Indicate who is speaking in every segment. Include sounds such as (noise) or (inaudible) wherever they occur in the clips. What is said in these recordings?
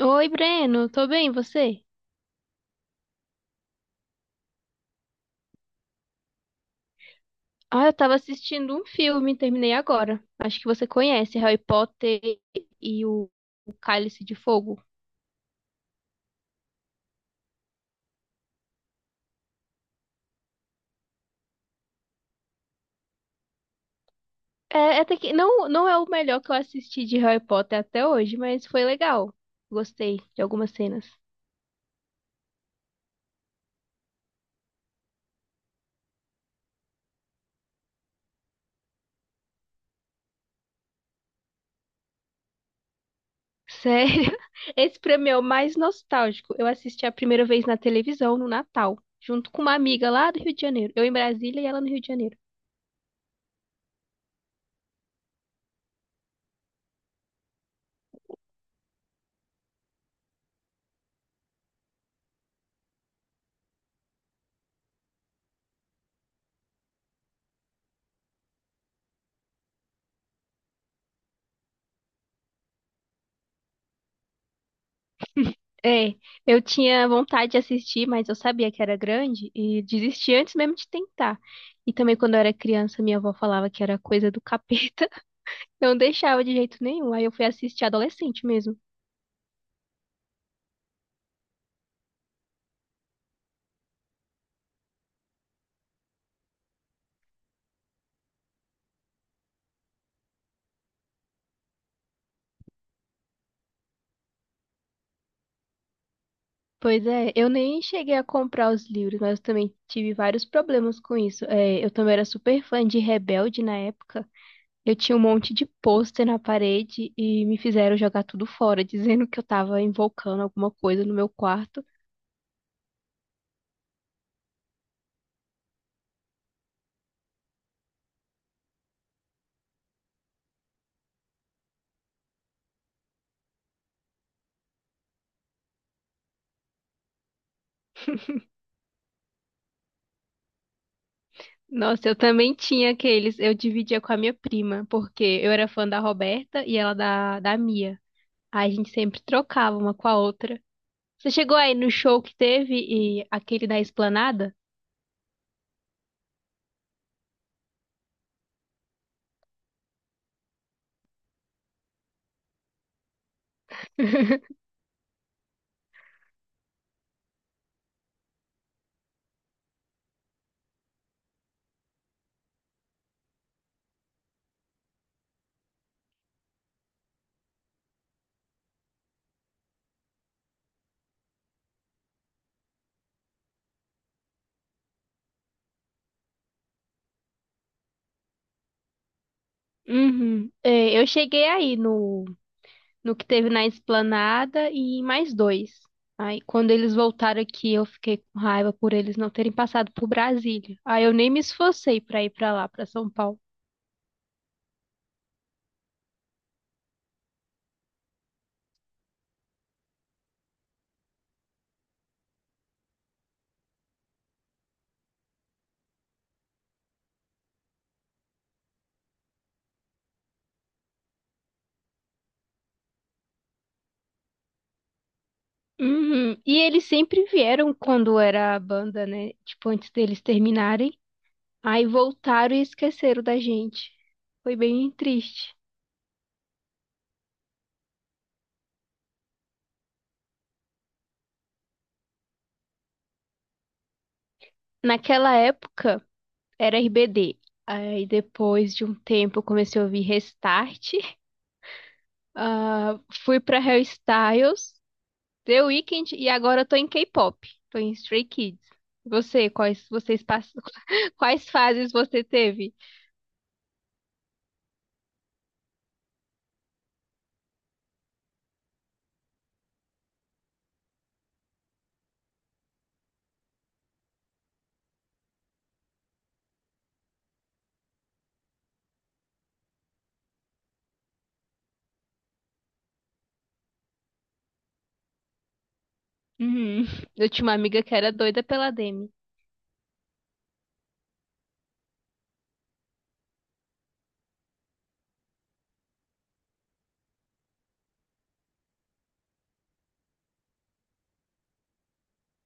Speaker 1: Oi, Breno, tô bem, e você? Ah, eu tava assistindo um filme, terminei agora. Acho que você conhece Harry Potter e o Cálice de Fogo. É, até que não, não é o melhor que eu assisti de Harry Potter até hoje, mas foi legal. Gostei de algumas cenas. Sério? (laughs) Esse pra mim é o mais nostálgico. Eu assisti a primeira vez na televisão, no Natal, junto com uma amiga lá do Rio de Janeiro. Eu em Brasília e ela no Rio de Janeiro. É, eu tinha vontade de assistir, mas eu sabia que era grande e desisti antes mesmo de tentar. E também quando eu era criança, minha avó falava que era coisa do capeta. (laughs) Não deixava de jeito nenhum. Aí eu fui assistir adolescente mesmo. Pois é, eu nem cheguei a comprar os livros, mas eu também tive vários problemas com isso. É, eu também era super fã de Rebelde na época. Eu tinha um monte de pôster na parede e me fizeram jogar tudo fora, (laughs) dizendo que eu tava invocando alguma coisa no meu quarto. Nossa, eu também tinha aqueles. Eu dividia com a minha prima, porque eu era fã da Roberta e ela da Mia. Aí a gente sempre trocava uma com a outra. Você chegou aí no show que teve e aquele da Esplanada? (laughs) Uhum. É, eu cheguei aí no que teve na Esplanada e em mais dois. Aí quando eles voltaram aqui, eu fiquei com raiva por eles não terem passado por Brasília. Aí eu nem me esforcei pra ir pra lá, pra São Paulo. Uhum. E eles sempre vieram quando era a banda, né? Tipo, antes deles terminarem. Aí voltaram e esqueceram da gente. Foi bem triste. Naquela época era RBD. Aí depois de um tempo eu comecei a ouvir Restart. (laughs) Ah, fui pra Hairstyles, The Weeknd, e agora eu tô em K-pop. Tô em Stray Kids. Você, (laughs) quais fases você teve? Uhum. Eu tinha uma amiga que era doida pela Demi.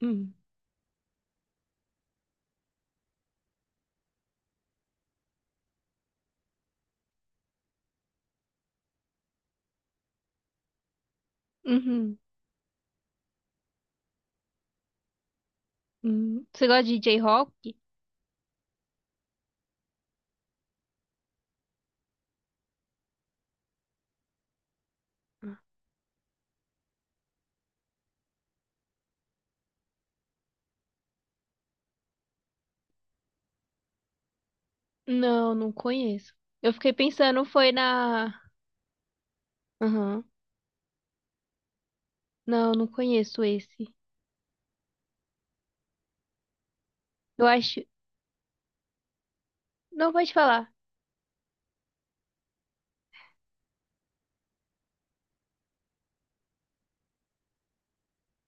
Speaker 1: Hum. Uhum. Uhum. Você gosta de J-Rock? Não, não conheço. Eu fiquei pensando, foi na. Aham. Não, não conheço esse. Eu acho. Não, pode falar.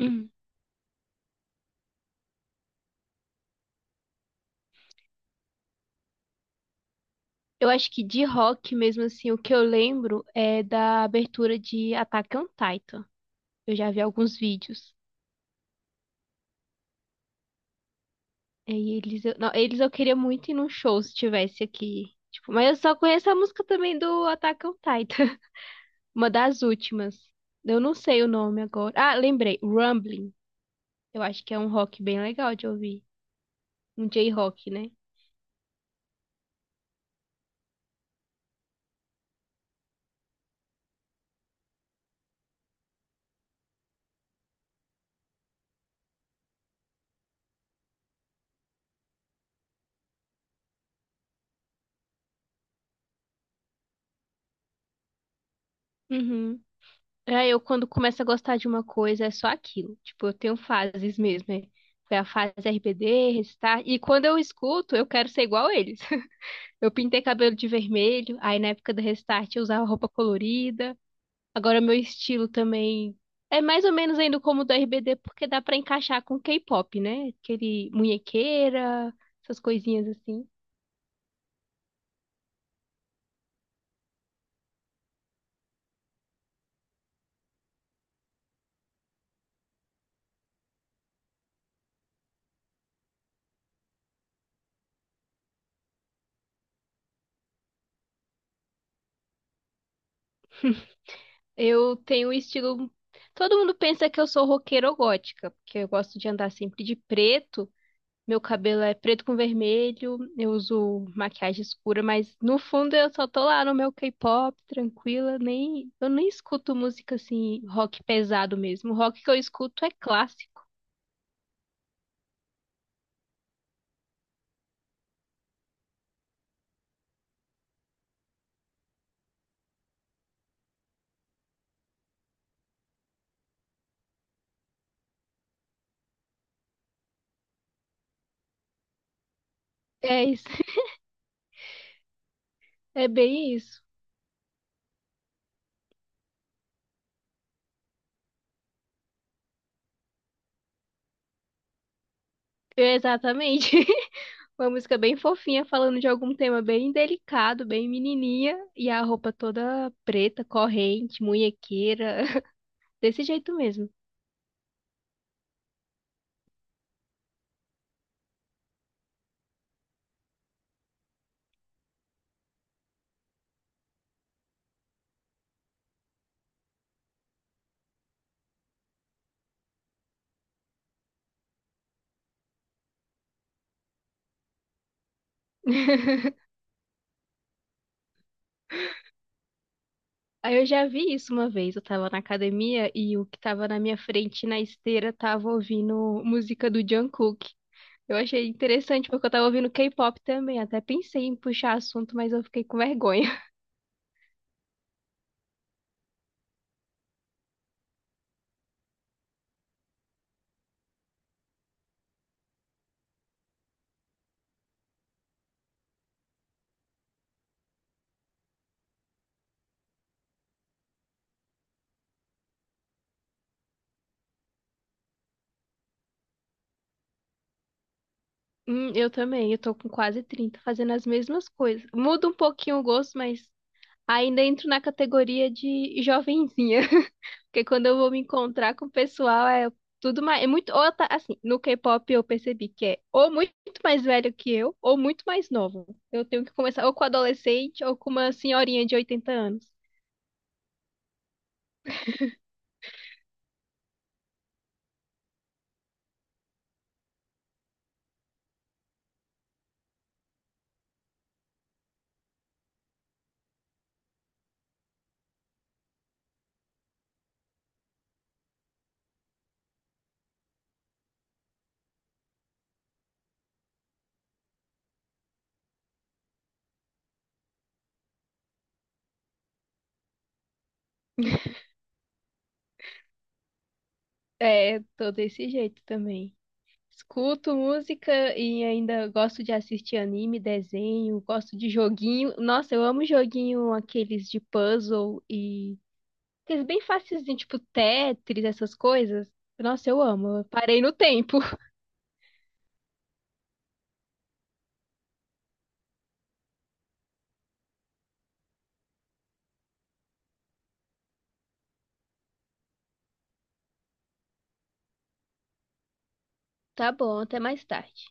Speaker 1: Uhum. Eu acho que de rock mesmo assim, o que eu lembro é da abertura de Attack on Titan. Eu já vi alguns vídeos. E eles Não, eles eu queria muito ir num show se tivesse aqui. Tipo, mas eu só conheço a música também do Attack on Titan. (laughs) Uma das últimas. Eu não sei o nome agora. Ah, lembrei. Rumbling. Eu acho que é um rock bem legal de ouvir. Um J-rock, né? Uhum. É, eu quando começo a gostar de uma coisa é só aquilo. Tipo, eu tenho fases mesmo, né? Foi a fase RBD, Restart. E quando eu escuto, eu quero ser igual a eles. (laughs) Eu pintei cabelo de vermelho, aí na época do Restart eu usava roupa colorida. Agora meu estilo também é mais ou menos ainda como o do RBD, porque dá pra encaixar com K-pop, né? Aquele munhequeira, essas coisinhas assim. Eu tenho um estilo. Todo mundo pensa que eu sou roqueira ou gótica, porque eu gosto de andar sempre de preto. Meu cabelo é preto com vermelho, eu uso maquiagem escura, mas no fundo eu só tô lá no meu K-pop, tranquila, nem eu nem escuto música assim, rock pesado mesmo. O rock que eu escuto é clássico. É isso. (laughs) É bem isso. É, exatamente. (laughs) Uma música bem fofinha, falando de algum tema bem delicado, bem menininha, e a roupa toda preta, corrente, munhequeira, (laughs) desse jeito mesmo. (laughs) Aí eu já vi isso uma vez, eu tava na academia e o que tava na minha frente na esteira tava ouvindo música do Jungkook. Eu achei interessante porque eu tava ouvindo K-pop também, até pensei em puxar assunto, mas eu fiquei com vergonha. (laughs) Eu também, eu tô com quase 30, fazendo as mesmas coisas. Muda um pouquinho o gosto, mas ainda entro na categoria de jovenzinha, (laughs) porque quando eu vou me encontrar com o pessoal é tudo mais, é muito, ou tá, assim, no K-pop eu percebi que é ou muito mais velho que eu, ou muito mais novo. Eu tenho que começar ou com adolescente ou com uma senhorinha de 80 anos. É, tô desse jeito também. Escuto música e ainda gosto de assistir anime, desenho, gosto de joguinho. Nossa, eu amo joguinho aqueles de puzzle. Aqueles bem facilzinho, tipo Tetris, essas coisas. Nossa, eu amo. Eu parei no tempo. (laughs) Tá bom, até mais tarde.